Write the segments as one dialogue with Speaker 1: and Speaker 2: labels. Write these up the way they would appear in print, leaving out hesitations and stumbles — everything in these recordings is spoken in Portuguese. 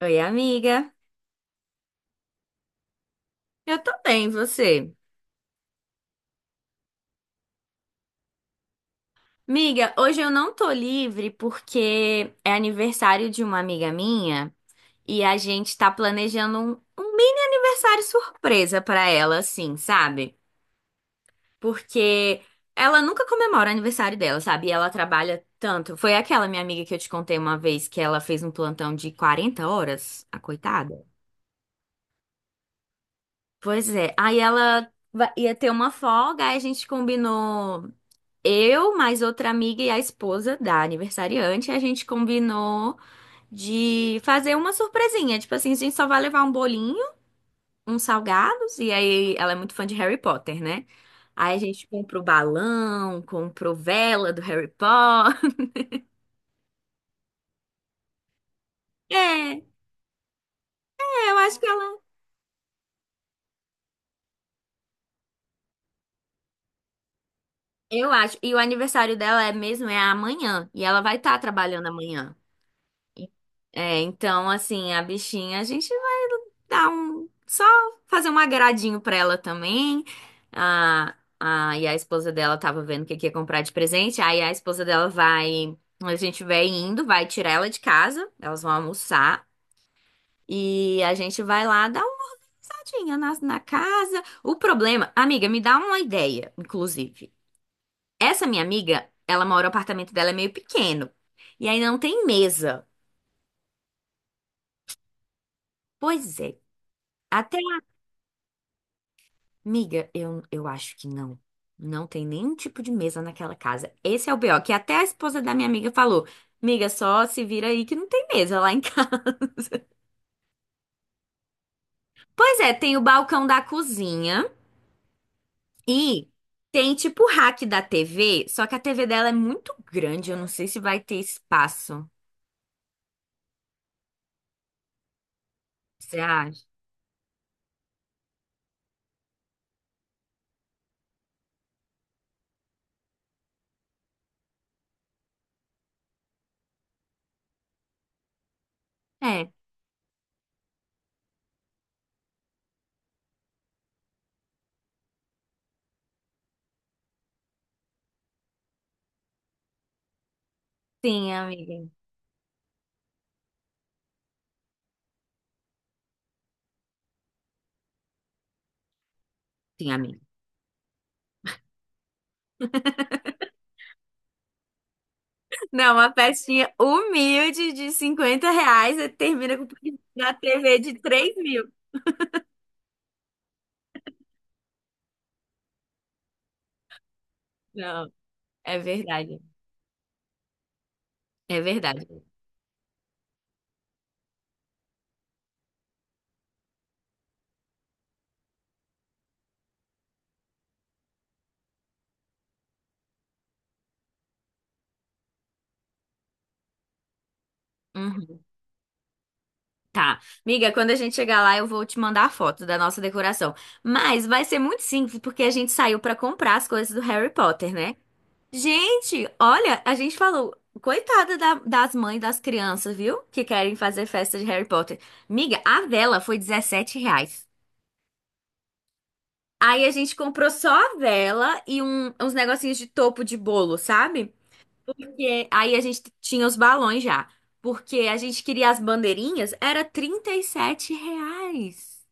Speaker 1: Oi, amiga. Eu tô bem, e você? Amiga, hoje eu não tô livre porque é aniversário de uma amiga minha e a gente tá planejando um mini aniversário surpresa pra ela, assim, sabe? Porque ela nunca comemora o aniversário dela, sabe? E ela trabalha tanto. Foi aquela minha amiga que eu te contei uma vez que ela fez um plantão de 40 horas, a coitada. Pois é. Ia ter uma folga, aí a gente combinou. Eu, mais outra amiga e a esposa da aniversariante, a gente combinou de fazer uma surpresinha. Tipo assim, a gente só vai levar um bolinho, uns salgados, e aí ela é muito fã de Harry Potter, né? Aí a gente comprou balão, comprou vela do Harry Potter. É, é, eu acho que ela. Eu acho. E o aniversário dela é mesmo, é amanhã. E ela vai estar trabalhando amanhã. É, então, assim, a bichinha, a gente dar um, só fazer um agradinho pra ela também. E a esposa dela tava vendo o que que ia comprar de presente. Aí a esposa dela vai, A gente vai indo, vai tirar ela de casa, elas vão almoçar e a gente vai lá dar uma passadinha na casa. O problema, amiga, me dá uma ideia, inclusive. Essa minha amiga, o apartamento dela é meio pequeno e aí não tem mesa. Pois é. Até. Miga, eu acho que não. Não tem nenhum tipo de mesa naquela casa. Esse é o BO, que até a esposa da minha amiga falou: Miga, só se vira aí que não tem mesa lá em casa. Pois é, tem o balcão da cozinha e tem tipo o rack da TV, só que a TV dela é muito grande, eu não sei se vai ter espaço. Você acha? É, sim, amiga. Sim, amiga. Não, uma festinha humilde de 50 reais e termina com na TV de 3 mil. Não, é verdade. É verdade. Uhum. Tá. Miga, quando a gente chegar lá, eu vou te mandar a foto da nossa decoração. Mas vai ser muito simples, porque a gente saiu pra comprar as coisas do Harry Potter, né? Gente, olha, a gente falou, das mães das crianças, viu? Que querem fazer festa de Harry Potter. Miga, a vela foi R$ 17. Aí a gente comprou só a vela e uns negocinhos de topo de bolo, sabe? Porque aí a gente tinha os balões já. Porque a gente queria as bandeirinhas, era 37 reais.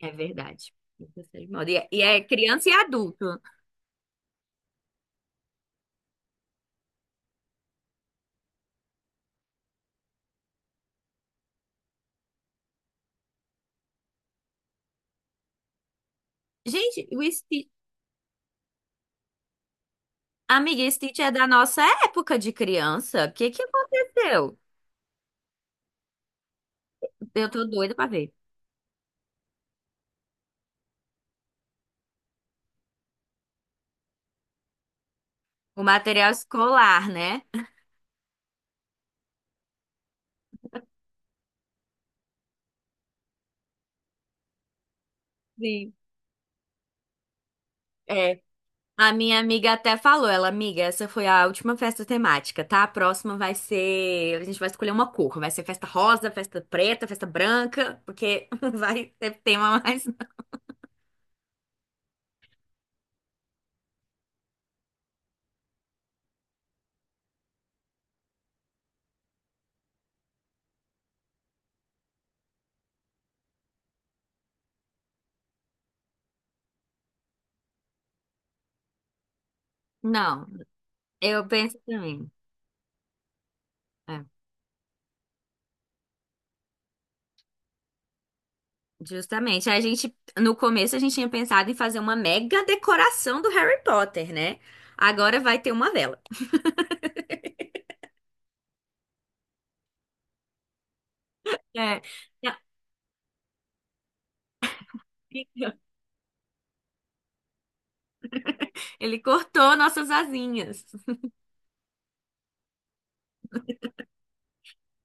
Speaker 1: É verdade. 36 moda. E é criança e adulto. Gente, o Stitch, amiga, o Stitch é da nossa época de criança. O que que aconteceu? Eu tô doida pra ver. O material escolar, né? Sim. É. A minha amiga até falou, ela, amiga, essa foi a última festa temática, tá? A próxima vai ser, a gente vai escolher uma cor, vai ser festa rosa, festa preta, festa branca, porque não vai ter tema mais. Não, eu penso também. É, justamente, a gente no começo a gente tinha pensado em fazer uma mega decoração do Harry Potter, né? Agora vai ter uma vela. É. Ele cortou nossas asinhas.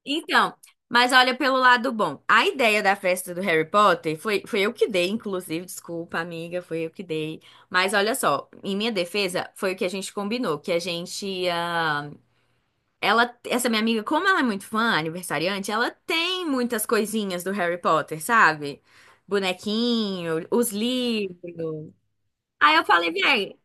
Speaker 1: Então, mas olha pelo lado bom. A ideia da festa do Harry Potter foi eu que dei, inclusive, desculpa, amiga, foi eu que dei. Mas olha só, em minha defesa, foi o que a gente combinou, que a gente ia. Ela, essa minha amiga, como ela é muito fã, aniversariante, ela tem muitas coisinhas do Harry Potter, sabe? Bonequinho, os livros. Aí eu falei, véi,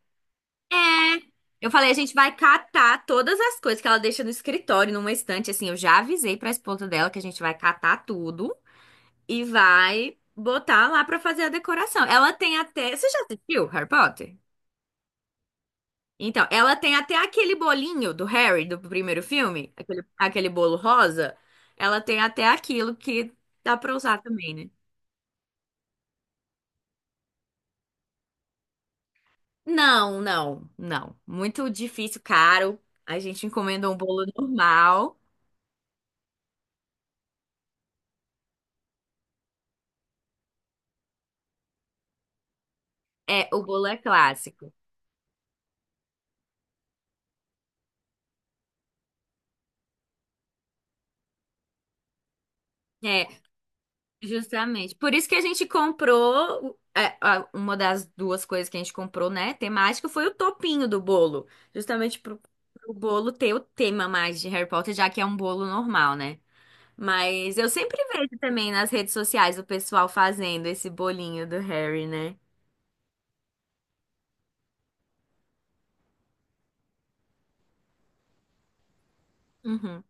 Speaker 1: é. Eu falei, a gente vai catar todas as coisas que ela deixa no escritório, numa estante, assim. Eu já avisei pra esposa dela que a gente vai catar tudo e vai botar lá pra fazer a decoração. Ela tem até. Você já assistiu Harry Potter? Então, ela tem até aquele bolinho do Harry, do primeiro filme, aquele bolo rosa. Ela tem até aquilo que dá pra usar também, né? Não. Muito difícil, caro. A gente encomendou um bolo normal. É, o bolo é clássico. É, justamente. Por isso que a gente comprou, é, uma das duas coisas que a gente comprou, né, temática, foi o topinho do bolo. Justamente pro, pro bolo ter o tema mais de Harry Potter, já que é um bolo normal, né? Mas eu sempre vejo também nas redes sociais o pessoal fazendo esse bolinho do Harry, né? Uhum.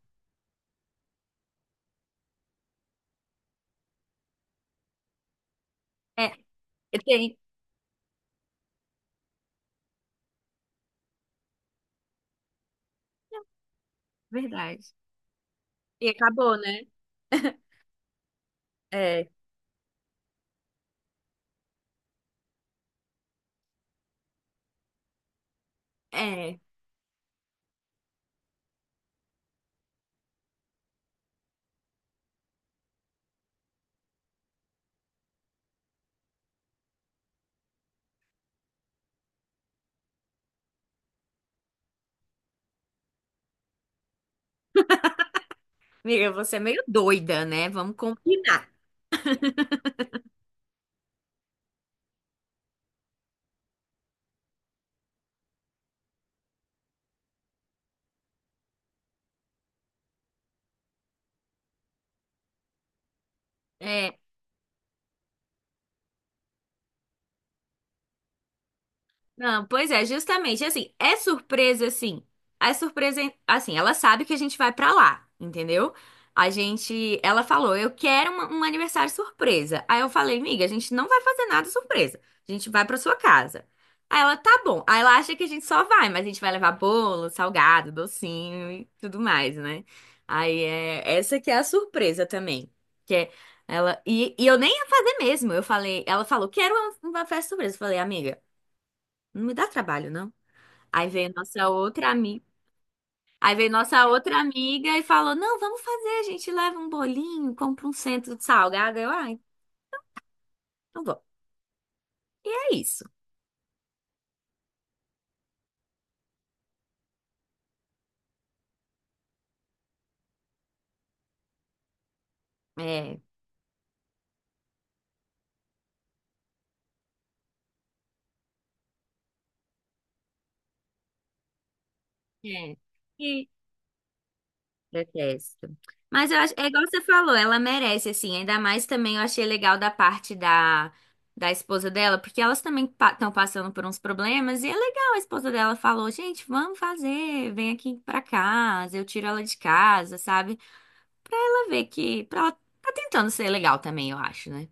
Speaker 1: É, tem, verdade. E acabou, né? É, é. Amiga, você é meio doida, né? Vamos combinar. É. Não, pois é, justamente assim, é surpresa assim. É surpresa assim, ela sabe que a gente vai pra lá, entendeu? A gente, ela falou, eu quero um aniversário surpresa. Aí eu falei, miga, a gente não vai fazer nada surpresa. A gente vai pra sua casa. Aí ela, tá bom. Aí ela acha que a gente só vai, mas a gente vai levar bolo, salgado, docinho e tudo mais, né? Aí é, essa que é a surpresa também. Que é Ela, e eu nem ia fazer mesmo. Eu falei, ela falou, quero uma festa surpresa. Eu falei, amiga. Não me dá trabalho, não. Aí veio nossa outra amiga. Aí veio nossa outra amiga e falou: Não, vamos fazer, a gente leva um bolinho, compra um centro de salgado. Eu, ai, não vou. É isso. É, é. E detesto. Mas eu acho, é igual você falou, ela merece, assim. Ainda mais também eu achei legal da parte da esposa dela, porque elas também estão passando por uns problemas. E é legal, a esposa dela falou: Gente, vamos fazer, vem aqui pra casa, eu tiro ela de casa, sabe? Pra ela ver que. Pra ela tá tentando ser legal também, eu acho, né?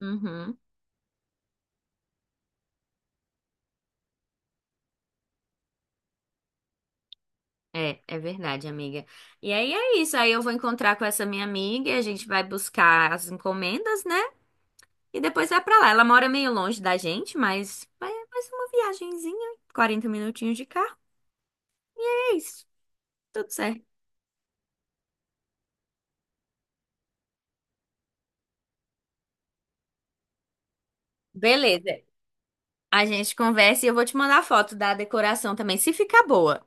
Speaker 1: Uhum. É, é verdade, amiga. E aí é isso. Aí eu vou encontrar com essa minha amiga e a gente vai buscar as encomendas, né? E depois vai pra lá. Ela mora meio longe da gente, mas vai mais uma viagenzinha, 40 minutinhos de carro. É isso. Tudo certo. Beleza. A gente conversa e eu vou te mandar foto da decoração também, se ficar boa.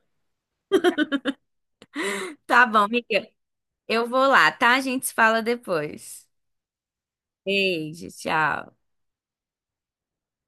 Speaker 1: Tá bom, amiga. Eu vou lá, tá? A gente se fala depois. Beijo, tchau.